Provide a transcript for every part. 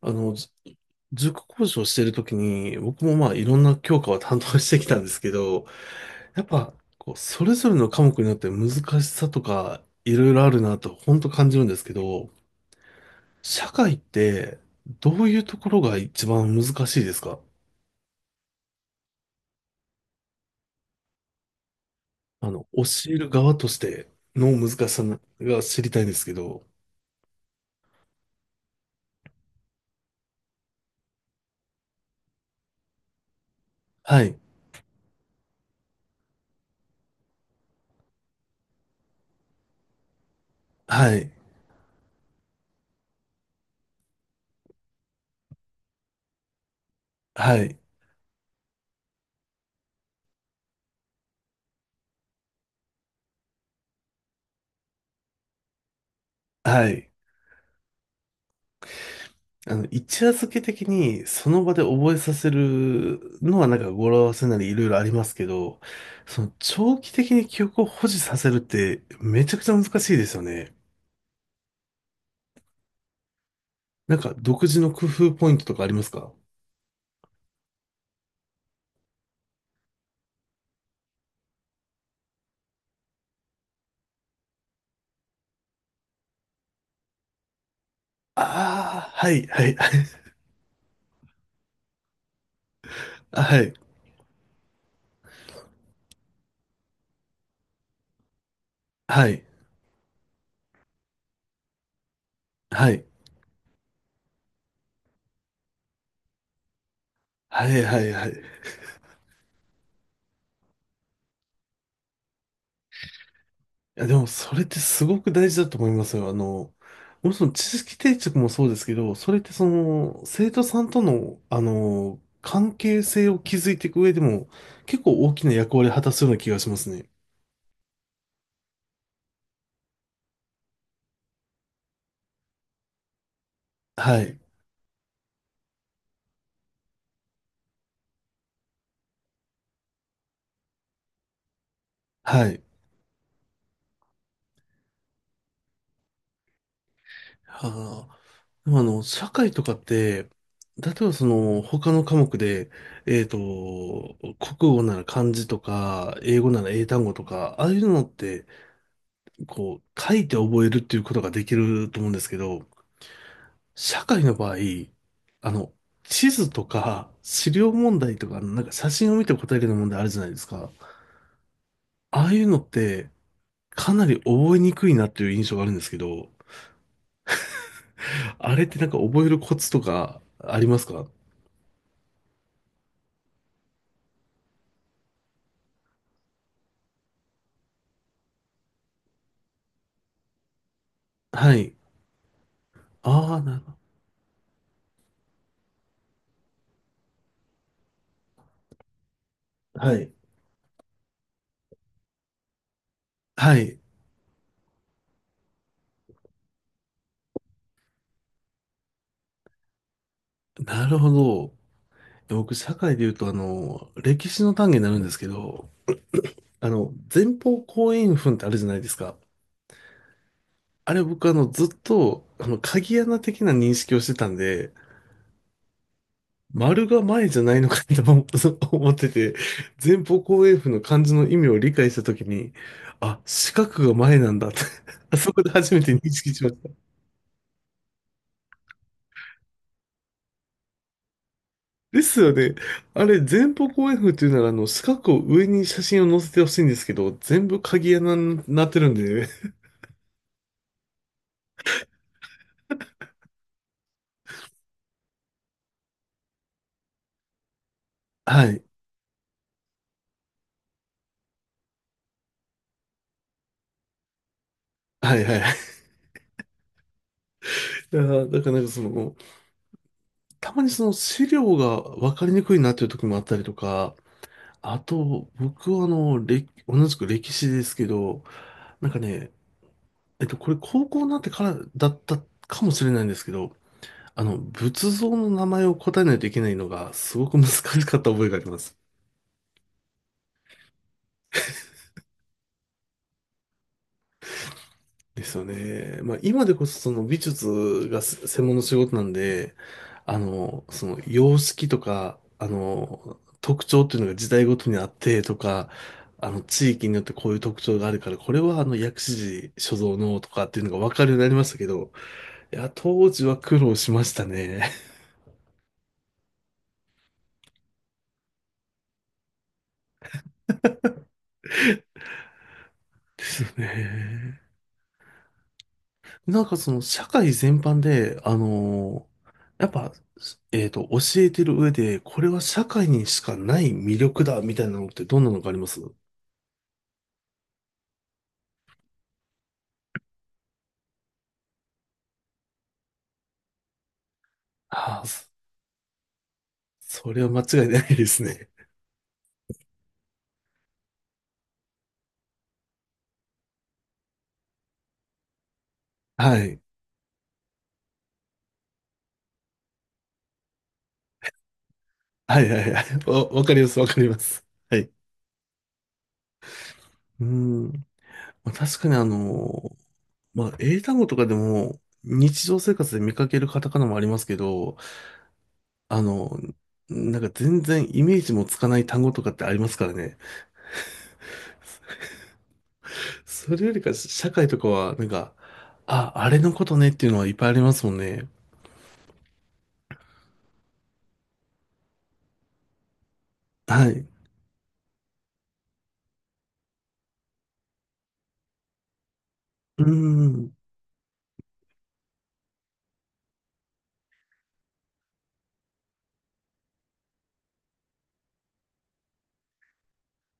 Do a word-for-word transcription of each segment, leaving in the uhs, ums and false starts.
あの、ず塾講師をしてるときに、僕もまあいろんな教科を担当してきたんですけど、やっぱ、こう、それぞれの科目によって難しさとか、いろいろあるなと、本当感じるんですけど、社会って、どういうところが一番難しいですか？あの、教える側としての難しさが知りたいんですけど。はい、はい、はい、はい。あの、一夜漬け的にその場で覚えさせるのはなんか語呂合わせなりいろいろありますけど、その長期的に記憶を保持させるってめちゃくちゃ難しいですよね。なんか独自の工夫ポイントとかありますか？ああー、はい、はい、はい、あはい、はい、はい、はい、はい、はい。いや、でもそれってすごく大事だと思いますよ。あの、もちろん知識定着もそうですけど、それってその、生徒さんとの、あの、関係性を築いていく上でも、結構大きな役割を果たすような気がしますね。はい。はい。はあ。でもあの、社会とかって、例えばその、他の科目で、えっと、国語なら漢字とか、英語なら英単語とか、ああいうのって、こう、書いて覚えるっていうことができると思うんですけど、社会の場合、あの、地図とか資料問題とか、なんか写真を見て答えるような問題あるじゃないですか。ああいうのって、かなり覚えにくいなっていう印象があるんですけど、あれってなんか覚えるコツとかありますか？はい。ああ、なるほど。はい。はい。なるほど。僕、社会で言うと、あの、歴史の単元になるんですけど、あの、前方後円墳ってあるじゃないですか。あれ僕、あの、ずっと、あの、鍵穴的な認識をしてたんで、丸が前じゃないのかと思 思ってて、前方後円墳の漢字の意味を理解したときに、あ、四角が前なんだって あそこで初めて認識しました。ですよね。あれ、前方後円墳っていうなら、あの、四角を上に写真を載せてほしいんですけど、全部鍵穴になってるんで、はい。はいはい。だから、だからなんかその、たまにその資料が分かりにくいなっていう時もあったりとか、あと、僕はあの、歴同じく歴史ですけど、なんかね、えっと、これ高校になってからだったかもしれないんですけど、あの、仏像の名前を答えないといけないのがすごく難しかった覚えがあります。ですよね。まあ、今でこそその美術がせ専門の仕事なんで、あの、その様式とか、あの、特徴っていうのが時代ごとにあってとか、あの、地域によってこういう特徴があるから、これはあの、薬師寺所蔵のとかっていうのがわかるようになりましたけど、いや、当時は苦労しましたね。ですよね。なんかその社会全般で、あのーやっぱ、えっと、教えてる上で、これは社会にしかない魅力だ、みたいなのってどんなのがありますああ、そそれは間違いないですね。はい。はいはいはい。わ、わかります、わかります。はい。うん。まあ、確かにあのまあ、英単語とかでも、日常生活で見かけるカタカナもありますけど、あの、なんか全然イメージもつかない単語とかってありますからね。それよりか、社会とかは、なんか、あ、あれのことねっていうのはいっぱいありますもんね。はい。うーん。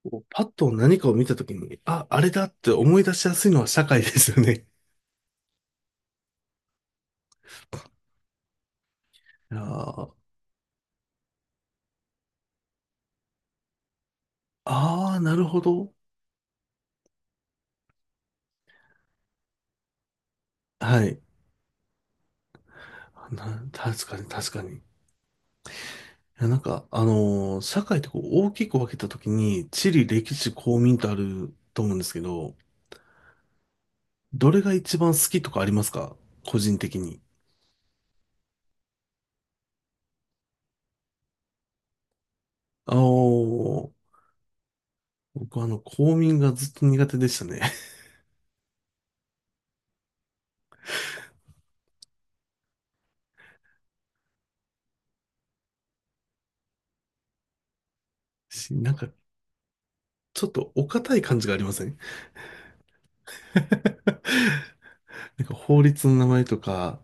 こうパッと何かを見たときに、あ、あれだって思い出しやすいのは社会ですよね。いやー。あー、なるほど。はい。な、確かに、確かに。いや、なんか、あのー社会ってこう大きく分けたときに、地理、歴史、公民とあると思うんですけど、どれが一番好きとかありますか？個人的に。あー、僕はあの、公民がずっと苦手でしたね。し、なんか、ちょっとお堅い感じがありません？ なんか法律の名前とか、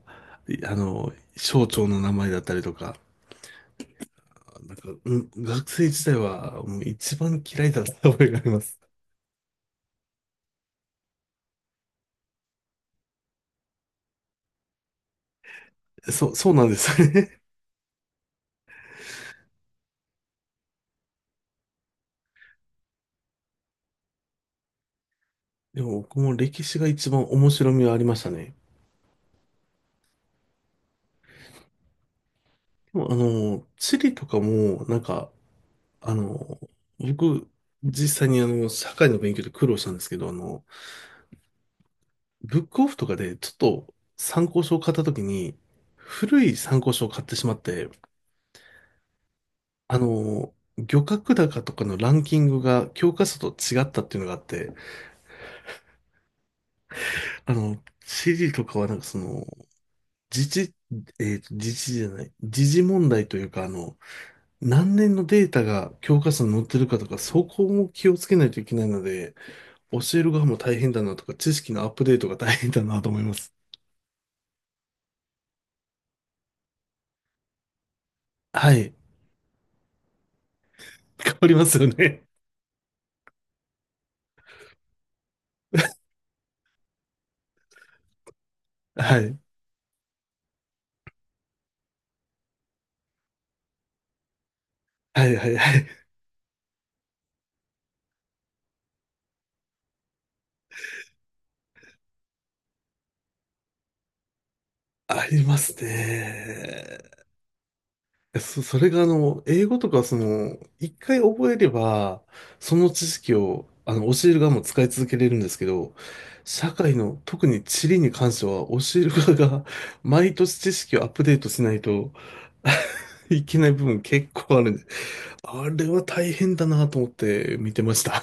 いあの、省庁の名前だったりとか、なんか、うん、学生時代はもう一番嫌いだった覚えがあります。そう、そうなんですよね。でも僕も歴史が一番面白みはありましたね。でもあの、地理とかも、なんか、あの、僕、実際にあの、社会の勉強で苦労したんですけど、あの、ブックオフとかでちょっと参考書を買った時に、古い参考書を買ってしまって、あの、漁獲高とかのランキングが教科書と違ったっていうのがあって、あの、シーディー とかはなんかその、自治、えっと、自治じゃない、時事問題というか、あの、なんねんのデータが教科書に載ってるかとか、そこも気をつけないといけないので、教える側も大変だなとか、知識のアップデートが大変だなと思います。はい。変わりますよね。はい。はいはいはい。ありますね。そ、それがあの、英語とかその、一回覚えれば、その知識を、あの、教える側も使い続けれるんですけど、社会の、特に地理に関しては、教える側が、毎年知識をアップデートしないと いけない部分結構あるんで、あれは大変だなと思って見てました。